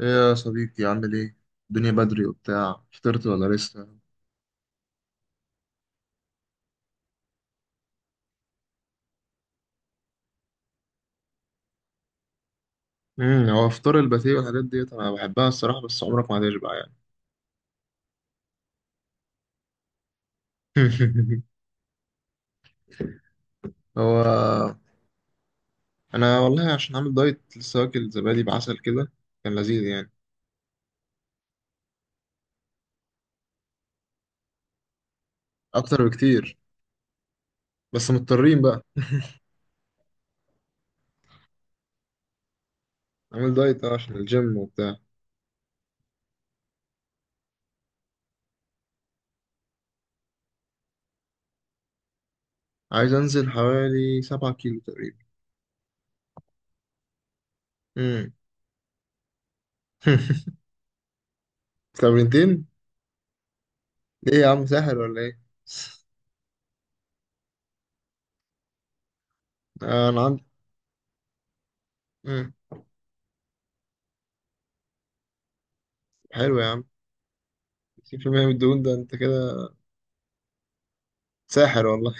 ايه يا صديقي؟ عامل ايه؟ الدنيا بدري وبتاع، فطرت ولا لسه؟ هو فطار الباتيه والحاجات ديت انا بحبها الصراحه، بس عمرك ما هتشبع يعني. هو انا والله عشان عامل دايت، لسه واكل زبادي بعسل كده. كان لذيذ يعني. اكتر بكتير. بس مضطرين بقى. عامل دايت عشان الجيم وبتاع. عايز انزل حوالي 7 كيلو تقريبا. امم. تمرينتين؟ ايه يا عم ساحر ولا ايه؟ انا عندي. امم. حلو يا عم. 60% من الدهون ده انت كده؟ ساحر والله.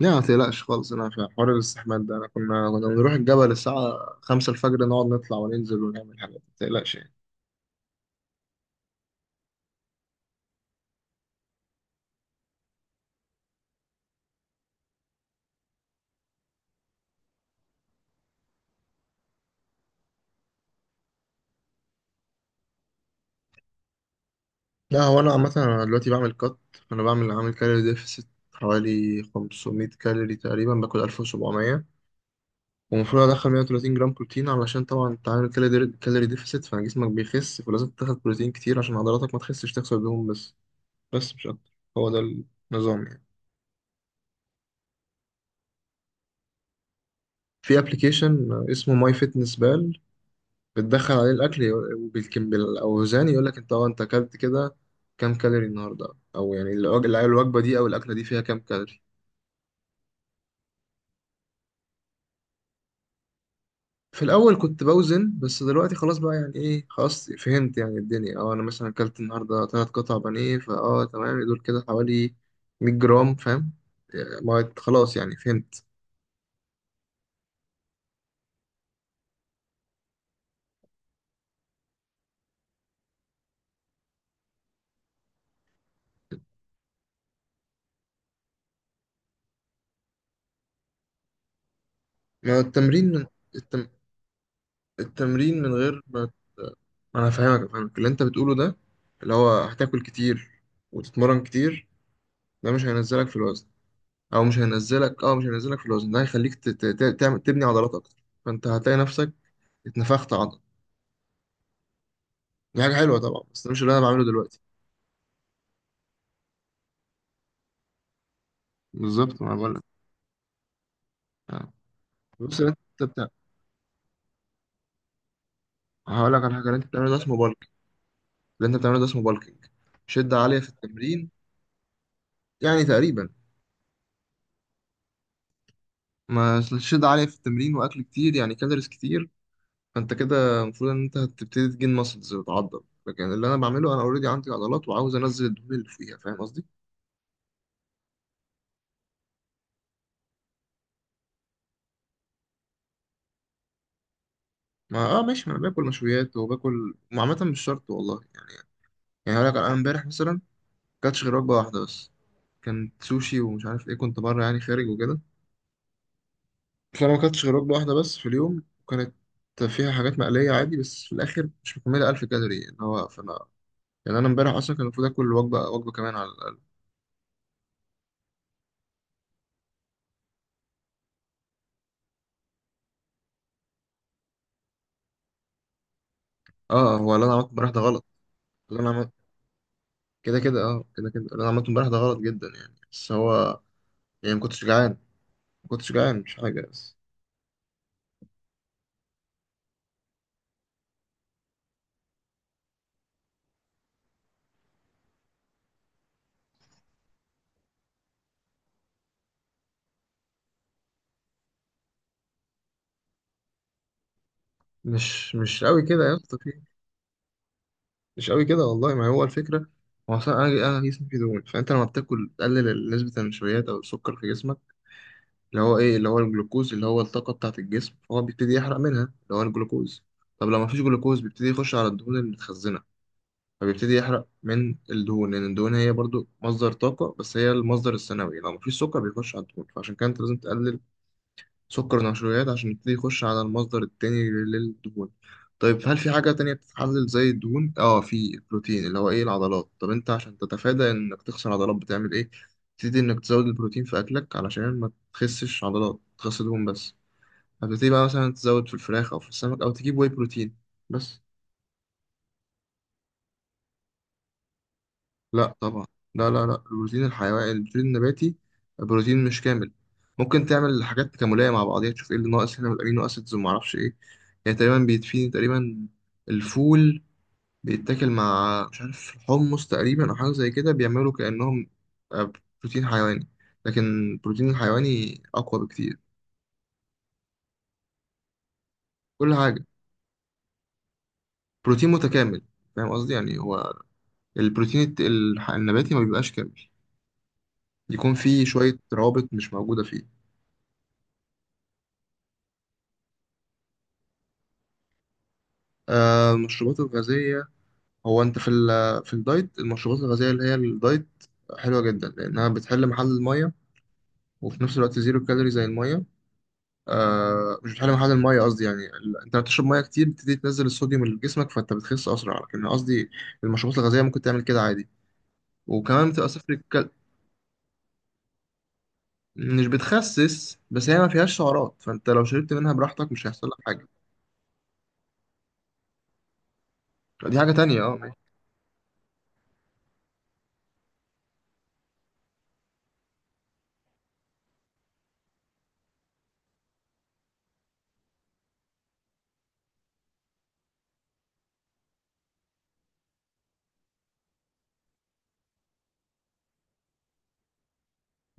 لا ما تقلقش خالص. انا في حوار الاستحمام ده انا كنا بنروح الجبل الساعة 5 الفجر، نقعد نطلع وننزل ونعمل حاجات. ما تقلقش يعني. لا، هو انا عامة انا دلوقتي بعمل كات. فانا بعمل عامل كالوري ديفست حوالي 500 كالوري تقريبا. باكل 1700 ومفروض ادخل 130 جرام بروتين، علشان طبعا انت عامل كالوري ديفست فجسمك بيخس، فلازم تاخد بروتين كتير عشان عضلاتك ما تخسش، تخسر دهون بس مش اكتر. هو ده النظام يعني. في ابلكيشن اسمه ماي فيتنس بال. بتدخل عليه الاكل وبالكم بالاوزان، يقول لك انت انت اكلت كده كام كالوري النهارده. او يعني الوجبه دي او الاكله دي فيها كام كالوري. في الاول كنت بوزن. بس دلوقتي خلاص بقى يعني ايه، خلاص فهمت يعني الدنيا. اه انا مثلا اكلت النهارده ثلاث قطع بانيه تمام، دول كده حوالي 100 جرام فاهم يعني. ما خلاص يعني فهمت. ما هو التمرين من. التم... التمرين من غير ما. ما انا فاهمك اللي انت بتقوله ده، اللي هو هتاكل كتير وتتمرن كتير، ده مش هينزلك في الوزن. او مش هينزلك، مش هينزلك في الوزن. ده هيخليك تعمل تبني عضلات اكتر. فانت هتلاقي نفسك اتنفخت عضل. دي حاجه حلوه طبعا، بس ده مش اللي انا بعمله دلوقتي. بالظبط ما بقول لك. آه. بص، اللي انت بتاع هقول لك على حاجه. اللي انت بتعمله ده اسمه بالك. اللي انت بتعمله ده اسمه بالكينج. شده عاليه في التمرين يعني. تقريبا، ما شده عاليه في التمرين واكل كتير يعني كالوريز كتير. فانت كده المفروض ان انت هتبتدي تجين ماسلز وتعضل. لكن اللي انا بعمله، انا اوريدي عندي عضلات وعاوز انزل الدهون اللي فيها، فاهم قصدي؟ ما اه ماشي، ما انا باكل مشويات وباكل وعامة مش شرط والله يعني. يعني هقول لك، انا امبارح مثلا كانتش غير وجبة واحدة بس. كانت سوشي ومش عارف ايه، كنت بره يعني خارج وكده. فانا ما كانتش غير وجبة واحدة بس في اليوم، وكانت فيها حاجات مقلية عادي، بس في الاخر مش مكملة 1000 كالوري اللي هو. فانا يعني انا امبارح اصلا كان المفروض اكل وجبة وجبة كمان على الاقل. اه، هو اللي انا عملته امبارح ده غلط. اللي انا عملت كده كده اللي انا عملته امبارح ده غلط جدا يعني. بس هو. يعني ما كنتش جعان مش حاجة بس. مش قوي كده يا اسطى. مش قوي كده والله. ما هو الفكرة، هو أصلا أنا جسمي فيه دهون، فأنت لما بتاكل تقلل نسبة النشويات أو السكر في جسمك. اللي هو إيه؟ اللي هو الجلوكوز، اللي هو الطاقة بتاعة الجسم. فهو بيبتدي يحرق منها اللي هو الجلوكوز. طب لو مفيش جلوكوز بيبتدي يخش على الدهون المتخزنة. فبيبتدي يحرق من الدهون، لأن الدهون هي برضو مصدر طاقة، بس هي المصدر الثانوي. لو مفيش سكر بيخش على الدهون، فعشان كده أنت لازم تقلل سكر نشويات عشان يبتدي يخش على المصدر التاني للدهون. طيب، هل في حاجة تانية بتتحلل زي الدهون؟ اه، في البروتين اللي هو ايه العضلات. طب انت عشان تتفادى انك تخسر عضلات بتعمل ايه؟ تبتدي انك تزود البروتين في اكلك علشان ما تخسش عضلات، تخس دهون بس. هتبتدي بقى مثلا تزود في الفراخ او في السمك او تجيب واي بروتين بس. لا طبعا. لا لا لا، البروتين الحيواني، البروتين النباتي بروتين مش كامل. ممكن تعمل حاجات تكاملية مع بعضيها، تشوف ايه اللي ناقص هنا من الامينو اسيدز وما اعرفش ايه. يعني تقريبا بيتفيد تقريبا. الفول بيتاكل مع مش عارف حمص تقريبا او حاجة زي كده، بيعملوا كأنهم آه، بروتين حيواني. لكن البروتين الحيواني اقوى بكتير. كل حاجة، بروتين متكامل، فاهم قصدي؟ يعني هو البروتين النباتي ما بيبقاش كامل، يكون فيه شوية روابط مش موجودة فيه. المشروبات الغازية، هو انت في في الدايت المشروبات الغازيه اللي هي الدايت حلوه جدا، لانها بتحل محل الميه وفي نفس الوقت زيرو كالوري زي الميه. مش بتحل محل الميه قصدي. يعني انت بتشرب ميه كتير بتبتدي تنزل الصوديوم اللي في جسمك فانت بتخس اسرع. لكن قصدي المشروبات الغازيه ممكن تعمل كده عادي، وكمان بتبقى صفر مش بتخسس، بس هي ما فيهاش سعرات، فانت لو شربت منها براحتك مش هيحصل لك حاجه. دي حاجه تانية. اه ماشي.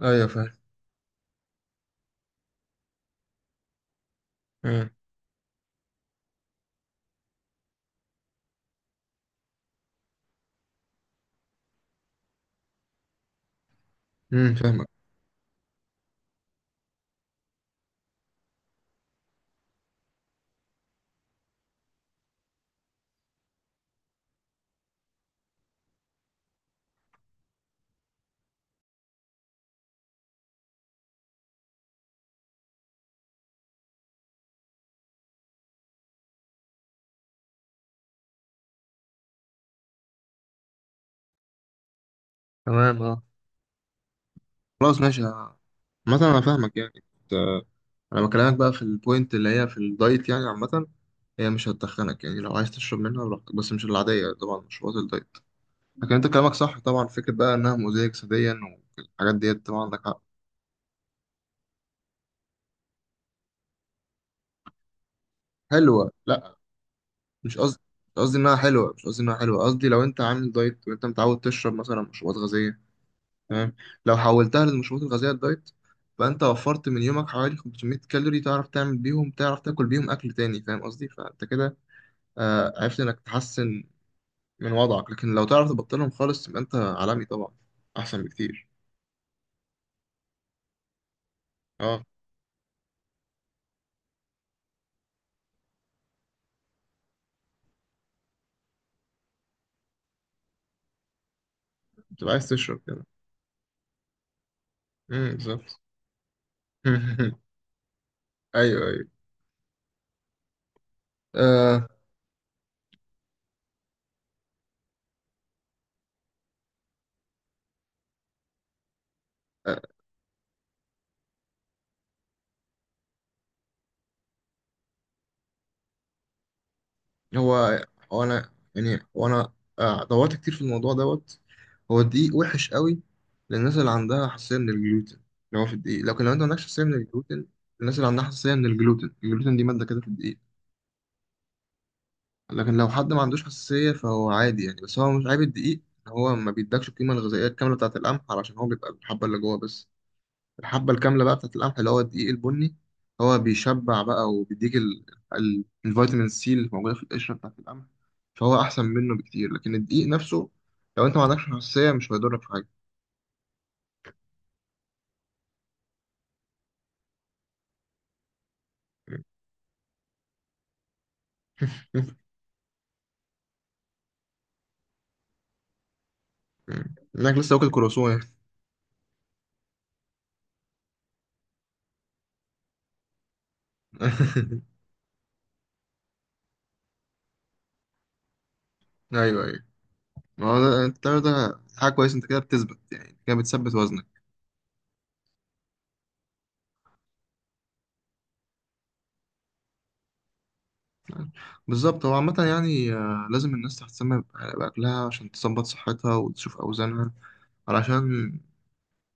ايوه فاهم. فاهمك. تمام. اه خلاص ماشي. مثلا انا فاهمك يعني. انا بكلمك بقى في البوينت اللي هي في الدايت يعني عامه. هي مش هتخنك يعني، لو عايز تشرب منها براحتك، بس مش العاديه طبعا، مشروبات الدايت. لكن انت كلامك صح طبعا، فكره بقى انها مؤذيه جسديا والحاجات ديت، طبعا عندك حق. حلوه لا. مش قصدي مش قصدي انها حلوه. مش قصدي انها حلوه، قصدي لو انت عامل دايت وانت متعود تشرب مثلا مشروبات غازيه. تمام. لو حولتها للمشروبات الغازيه الدايت، فانت وفرت من يومك حوالي 500 كالوري، تعرف تعمل بيهم، تعرف تاكل بيهم اكل تاني، فاهم قصدي؟ فانت كده عرفت انك تحسن من وضعك. لكن لو تعرف تبطلهم خالص تبقى انت عالمي طبعا، احسن بكتير. اه، بتبقى عايز تشرب كده. بالظبط. ايوه ايوه. آه آه، هو هو انا يعني وانا دورت كتير في الموضوع دوت. هو الدقيق وحش قوي للناس اللي عندها حساسيه من الجلوتين، اللي هو في الدقيق. لكن لو انت ما عندكش حساسيه من الجلوتين. الناس اللي عندها حساسيه من الجلوتين، الجلوتين دي ماده كده في الدقيق. لكن لو حد ما عندوش حساسية فهو عادي يعني، بس هو مش عيب الدقيق، إن هو ما بيدكش القيمة الغذائية الكاملة بتاعة القمح، علشان هو بيبقى الحبة اللي جوه بس. الحبة الكاملة بقى بتاعة القمح اللي هو الدقيق البني. هو بيشبع بقى وبيديك الفيتامين سي اللي موجودة في القشرة بتاعة القمح. فهو أحسن منه بكتير، لكن الدقيق نفسه لو أنت ما عندكش حساسية مش هيضرك في حاجة. إنك لسه واكل كروسون يعني. أيوه أيوه. ما هو التمر ده حاجة كويسة. أنت كده بتثبت يعني، كده بتثبت وزنك. بالظبط. هو عامة يعني لازم الناس تهتم بأكلها عشان تظبط صحتها وتشوف أوزانها. علشان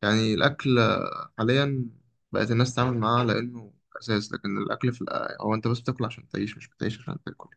يعني الأكل حاليا بقت الناس تتعامل معاه لأنه أساس. لكن الأكل في هو أنت بس بتاكل عشان تعيش، مش بتعيش عشان تاكل